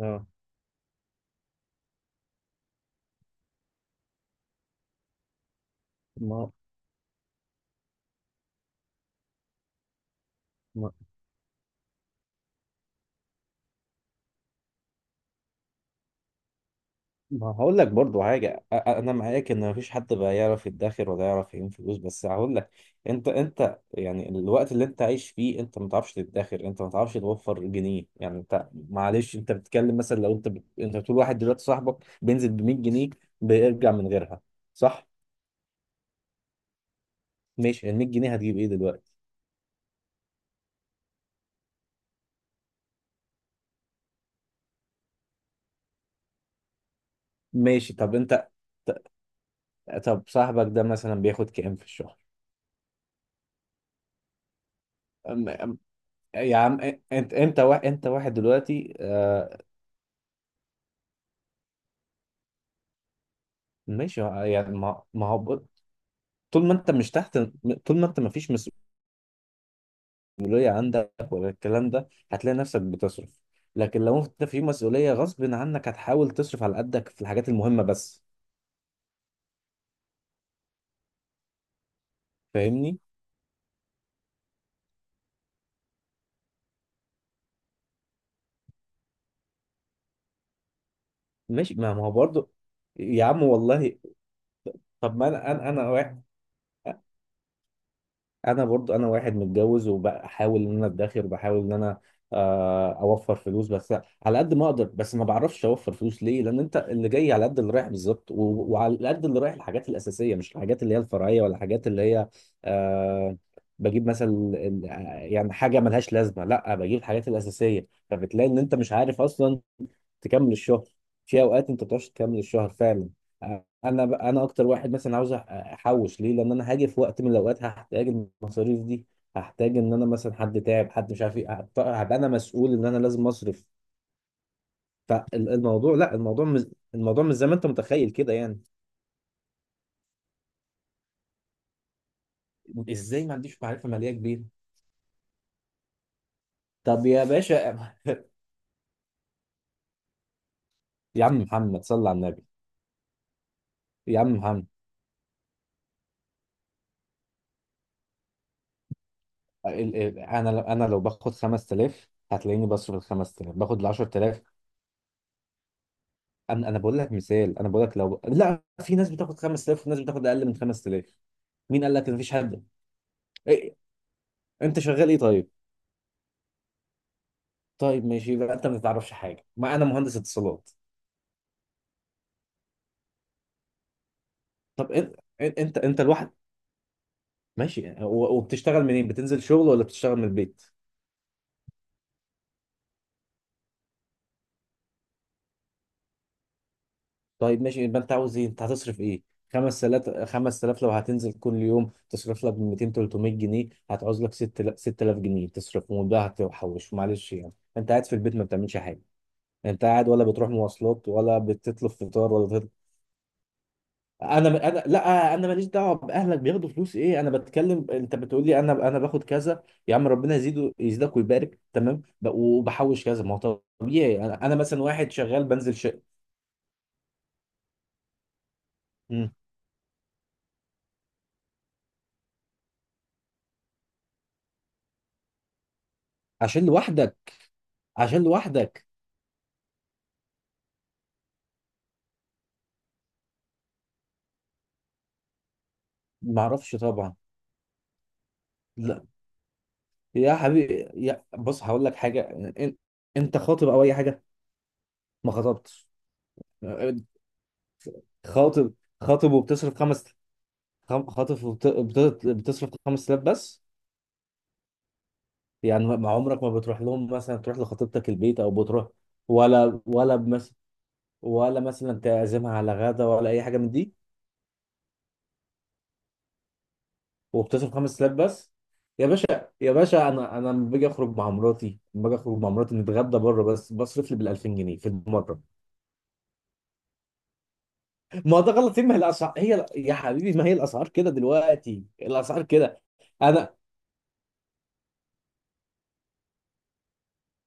اه، ما ما, ما هقول لك برضو حاجة، أنا معاك إن مفيش حد بقى يعرف يدخر ولا يعرف يعين فلوس، بس هقول لك. أنت يعني الوقت اللي أنت عايش فيه، أنت ما تعرفش تدخر، أنت ما تعرفش توفر جنيه، يعني أنت معلش. أنت بتتكلم مثلا، لو أنت بتقول واحد دلوقتي صاحبك بينزل ب 100 جنيه، بيرجع من غيرها، صح؟ ماشي، ال 100 جنيه هتجيب إيه دلوقتي؟ ماشي، طب أنت، ط- طب صاحبك ده مثلا بياخد كام في الشهر؟ أم- أم- يا عم، أنت واحد دلوقتي، ماشي. يعني ما هو طول ما انت مش تحت، طول ما انت ما فيش مسؤولية عندك ولا الكلام ده، هتلاقي نفسك بتصرف. لكن لو انت في مسؤولية غصب عنك، هتحاول تصرف على قدك في الحاجات المهمة بس. فاهمني؟ ماشي، ما هو برضه، يا عم والله. طب ما انا انا واحد، انا برضو انا واحد متجوز، وبحاول ان انا ادخر، وبحاول ان انا اوفر فلوس بس، على قد ما اقدر. بس ما بعرفش اوفر فلوس ليه، لان انت اللي جاي على قد اللي رايح بالظبط. وعلى قد اللي رايح الحاجات الاساسيه، مش الحاجات اللي هي الفرعيه ولا الحاجات اللي هي، آه، بجيب مثلا يعني حاجه ملهاش لازمه، لا بجيب الحاجات الاساسيه. فبتلاقي ان انت مش عارف اصلا تكمل الشهر، في اوقات انت ما بتعرفش تكمل الشهر فعلا. انا اكتر واحد مثلا عاوز احوش. ليه؟ لان انا هاجي في وقت من الاوقات هحتاج المصاريف دي، هحتاج ان انا مثلا حد تعب، حد مش عارف ايه، هبقى انا مسؤول ان انا لازم اصرف. فالموضوع، لا الموضوع الموضوع مش زي ما انت متخيل كده، يعني. ازاي ما عنديش معرفه ماليه كبيره؟ طب يا باشا، يا عم محمد صلى على النبي، يا عم محمد. انا لو باخد 5000 هتلاقيني بصرف ال 5000، باخد ال 10000. انا بقول لك مثال، انا بقول لك، لا في ناس بتاخد 5000 وناس بتاخد اقل من 5000. مين قال لك ان مفيش حد؟ إيه؟ انت شغال ايه طيب؟ طيب، ماشي، يبقى انت ما تعرفش حاجه، ما انا مهندس اتصالات. طب انت، انت الواحد، ماشي. وبتشتغل منين، بتنزل شغل ولا بتشتغل من البيت؟ طيب، ماشي، يبقى انت عاوز ايه، انت هتصرف ايه؟ 5000. 5000 لو هتنزل كل يوم تصرف لك 200 300 جنيه، هتعوز لك 6000. 6000 جنيه تصرفهم، وده هتحوش؟ معلش، يعني انت قاعد في البيت ما بتعملش حاجه، انت قاعد. ولا بتروح مواصلات، ولا بتطلب فطار، ولا بتطلب؟ انا، لا انا ماليش دعوه باهلك بياخدوا فلوس ايه. انا بتكلم، انت بتقول لي انا باخد كذا، يا عم ربنا يزيده، يزيدك ويبارك، تمام. وبحوش كذا، ما هو طبيعي. انا مثلا واحد شغال بنزل شقه. مم. عشان لوحدك؟ عشان لوحدك. ما اعرفش طبعا. لا يا حبيبي، يا بص هقول لك حاجه. إن- انت خاطب او اي حاجه؟ ما خطبتش؟ خاطب. وبتصرف 5000؟ خاطف بتصرف 5000 بس؟ يعني ما عمرك ما بتروح لهم، مثلا تروح لخطيبتك البيت او بتروح، ولا، ولا مثلا تعزمها على غدا ولا اي حاجه من دي، وبتصرف 5000 بس؟ يا باشا، يا باشا، انا لما باجي اخرج مع مراتي، نتغدى بره بس، بصرف لي بال 2000 جنيه في المره. ما ده غلط إيه؟ ما هي الاسعار، هي يا حبيبي، ما هي الاسعار كده دلوقتي، الاسعار كده. انا،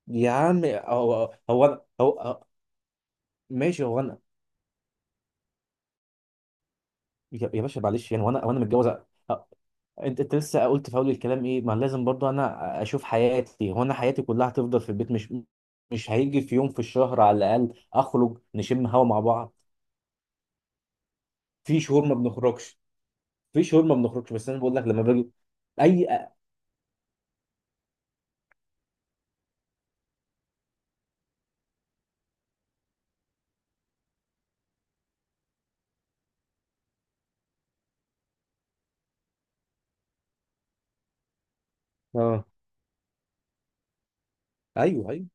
يا عم، هو هو انا، ماشي هو انا. يا باشا، معلش يعني، وانا متجوز، أ- انت لسه قلت في اول الكلام ايه، ما لازم برضو انا اشوف حياتي. هو انا حياتي كلها هتفضل في البيت، مش مش هيجي في يوم في الشهر على الاقل اخرج نشم هوا مع بعض؟ في شهور ما بنخرجش، بس انا بقول لك لما باجي. اي، اه، ايوه، ايوه.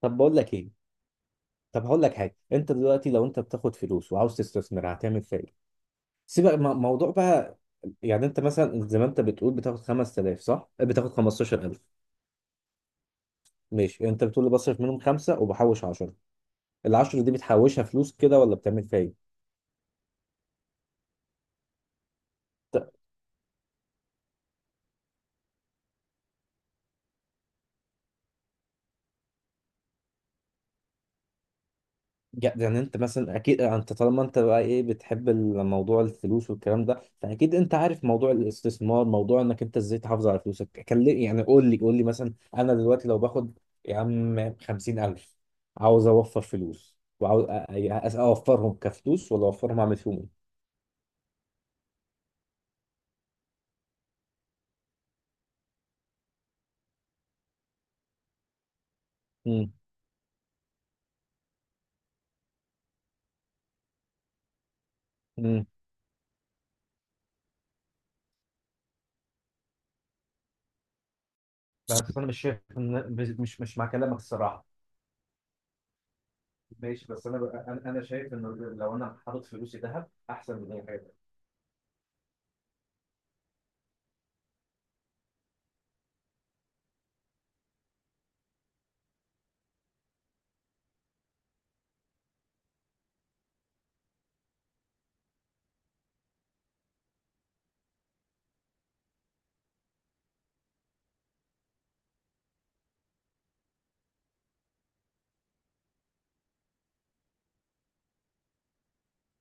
طب بقول لك ايه؟ طب هقول لك حاجه، انت دلوقتي لو انت بتاخد فلوس وعاوز تستثمر، هتعمل فيها ايه؟ سيبك، موضوع بقى. يعني انت مثلا زي ما انت بتقول بتاخد 5000، صح؟ بتاخد 15000. ماشي، انت بتقول لي بصرف منهم خمسة وبحوش عشرة. العشرة دي بتحوشها فلوس كده ولا بتعمل فيها ايه؟ ط- يعني انت مثلا، اكيد انت طالما انت بقى ايه بتحب الموضوع، الفلوس والكلام ده، فاكيد انت عارف موضوع الاستثمار، موضوع انك انت ازاي تحافظ على فلوسك كلم. يعني قول لي، مثلا، انا دلوقتي لو باخد، يا عم، 50000، عاوز اوفر فلوس، وعاوز اوفرهم كفلوس ولا اوفرهم اعمل فيهم ايه؟ مم. مم. بس انا مش شايف مش مع كلامك الصراحه. ماشي، بس انا بقى، أنا شايف ان لو انا حاطط فلوسي ذهب احسن من اي حاجه.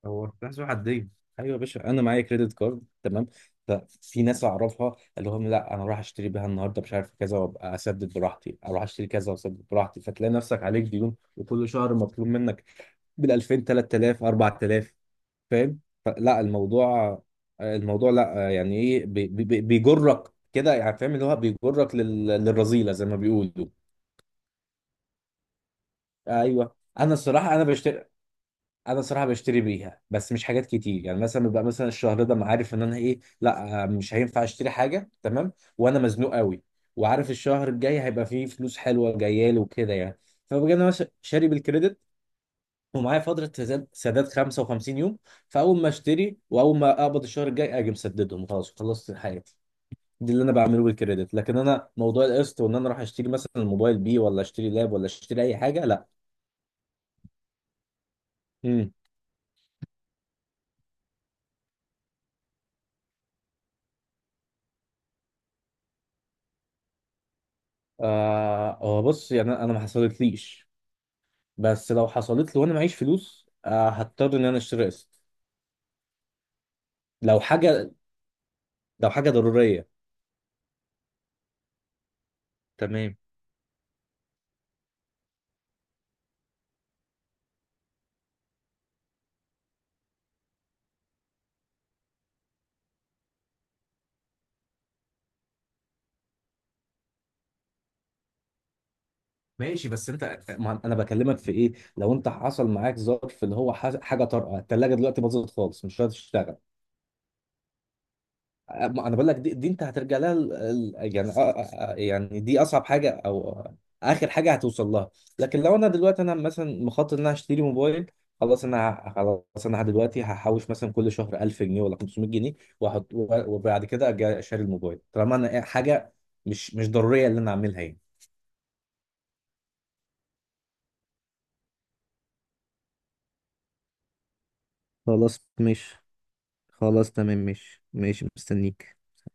هو حسب حدين. ايوه يا باشا، انا معايا كريدت كارد، تمام. ففي ناس اعرفها اللي هم، لا، انا رايح اشتري بيها النهارده مش عارف كذا، وابقى اسدد براحتي، اروح اشتري كذا واسدد براحتي، فتلاقي نفسك عليك ديون، وكل شهر مطلوب منك بال 2000 3000 4000. فاهم؟ فلا الموضوع، الموضوع لا يعني ايه، بيجرك كده يعني، فاهم؟ اللي هو بيجرك للرذيله زي ما بيقولوا. ايوه، انا الصراحه انا بشتري، انا صراحه بشتري بيها، بس مش حاجات كتير. يعني مثلا ببقى مثلا الشهر ده أنا عارف ان انا ايه، لا مش هينفع اشتري حاجه، تمام، وانا مزنوق قوي، وعارف الشهر الجاي هيبقى فيه فلوس حلوه جايه لي وكده يعني، فبجي انا شاري بالكريدت، ومعايا فتره سداد 55 يوم، فاول ما اشتري واول ما اقبض الشهر الجاي اجي مسددهم، خلاص خلصت حياتي. دي اللي انا بعمله بالكريدت. لكن انا موضوع القسط وان انا اروح اشتري مثلا الموبايل بيه، ولا اشتري لاب، ولا اشتري اي حاجه، لا. امم. آه، هو بص، يعني انا ما حصلتليش، بس لو حصلت لي وانا معيش فلوس، هضطر ان انا اشتري قسط. لو حاجه لو حاجه ضروريه، تمام. ماشي، بس انت، ما انا بكلمك في ايه، لو انت حصل معاك ظرف اللي هو حاجه طارئه، الثلاجه دلوقتي باظت خالص، مش قادر تشتغل. ما انا بقول لك، دي انت هترجع لها، يعني، يعني دي اصعب حاجه او اخر حاجه هتوصل لها. لكن لو انا دلوقتي، انا مثلا مخطط ان انا اشتري موبايل، خلاص انا خلاص انا دلوقتي هحوش مثلا كل شهر 1000 جنيه ولا 500 جنيه، واحط، وبعد كده اجي اشتري الموبايل، طالما انا إيه، حاجه مش ضروريه اللي انا اعملها يعني. خلاص مش، خلاص.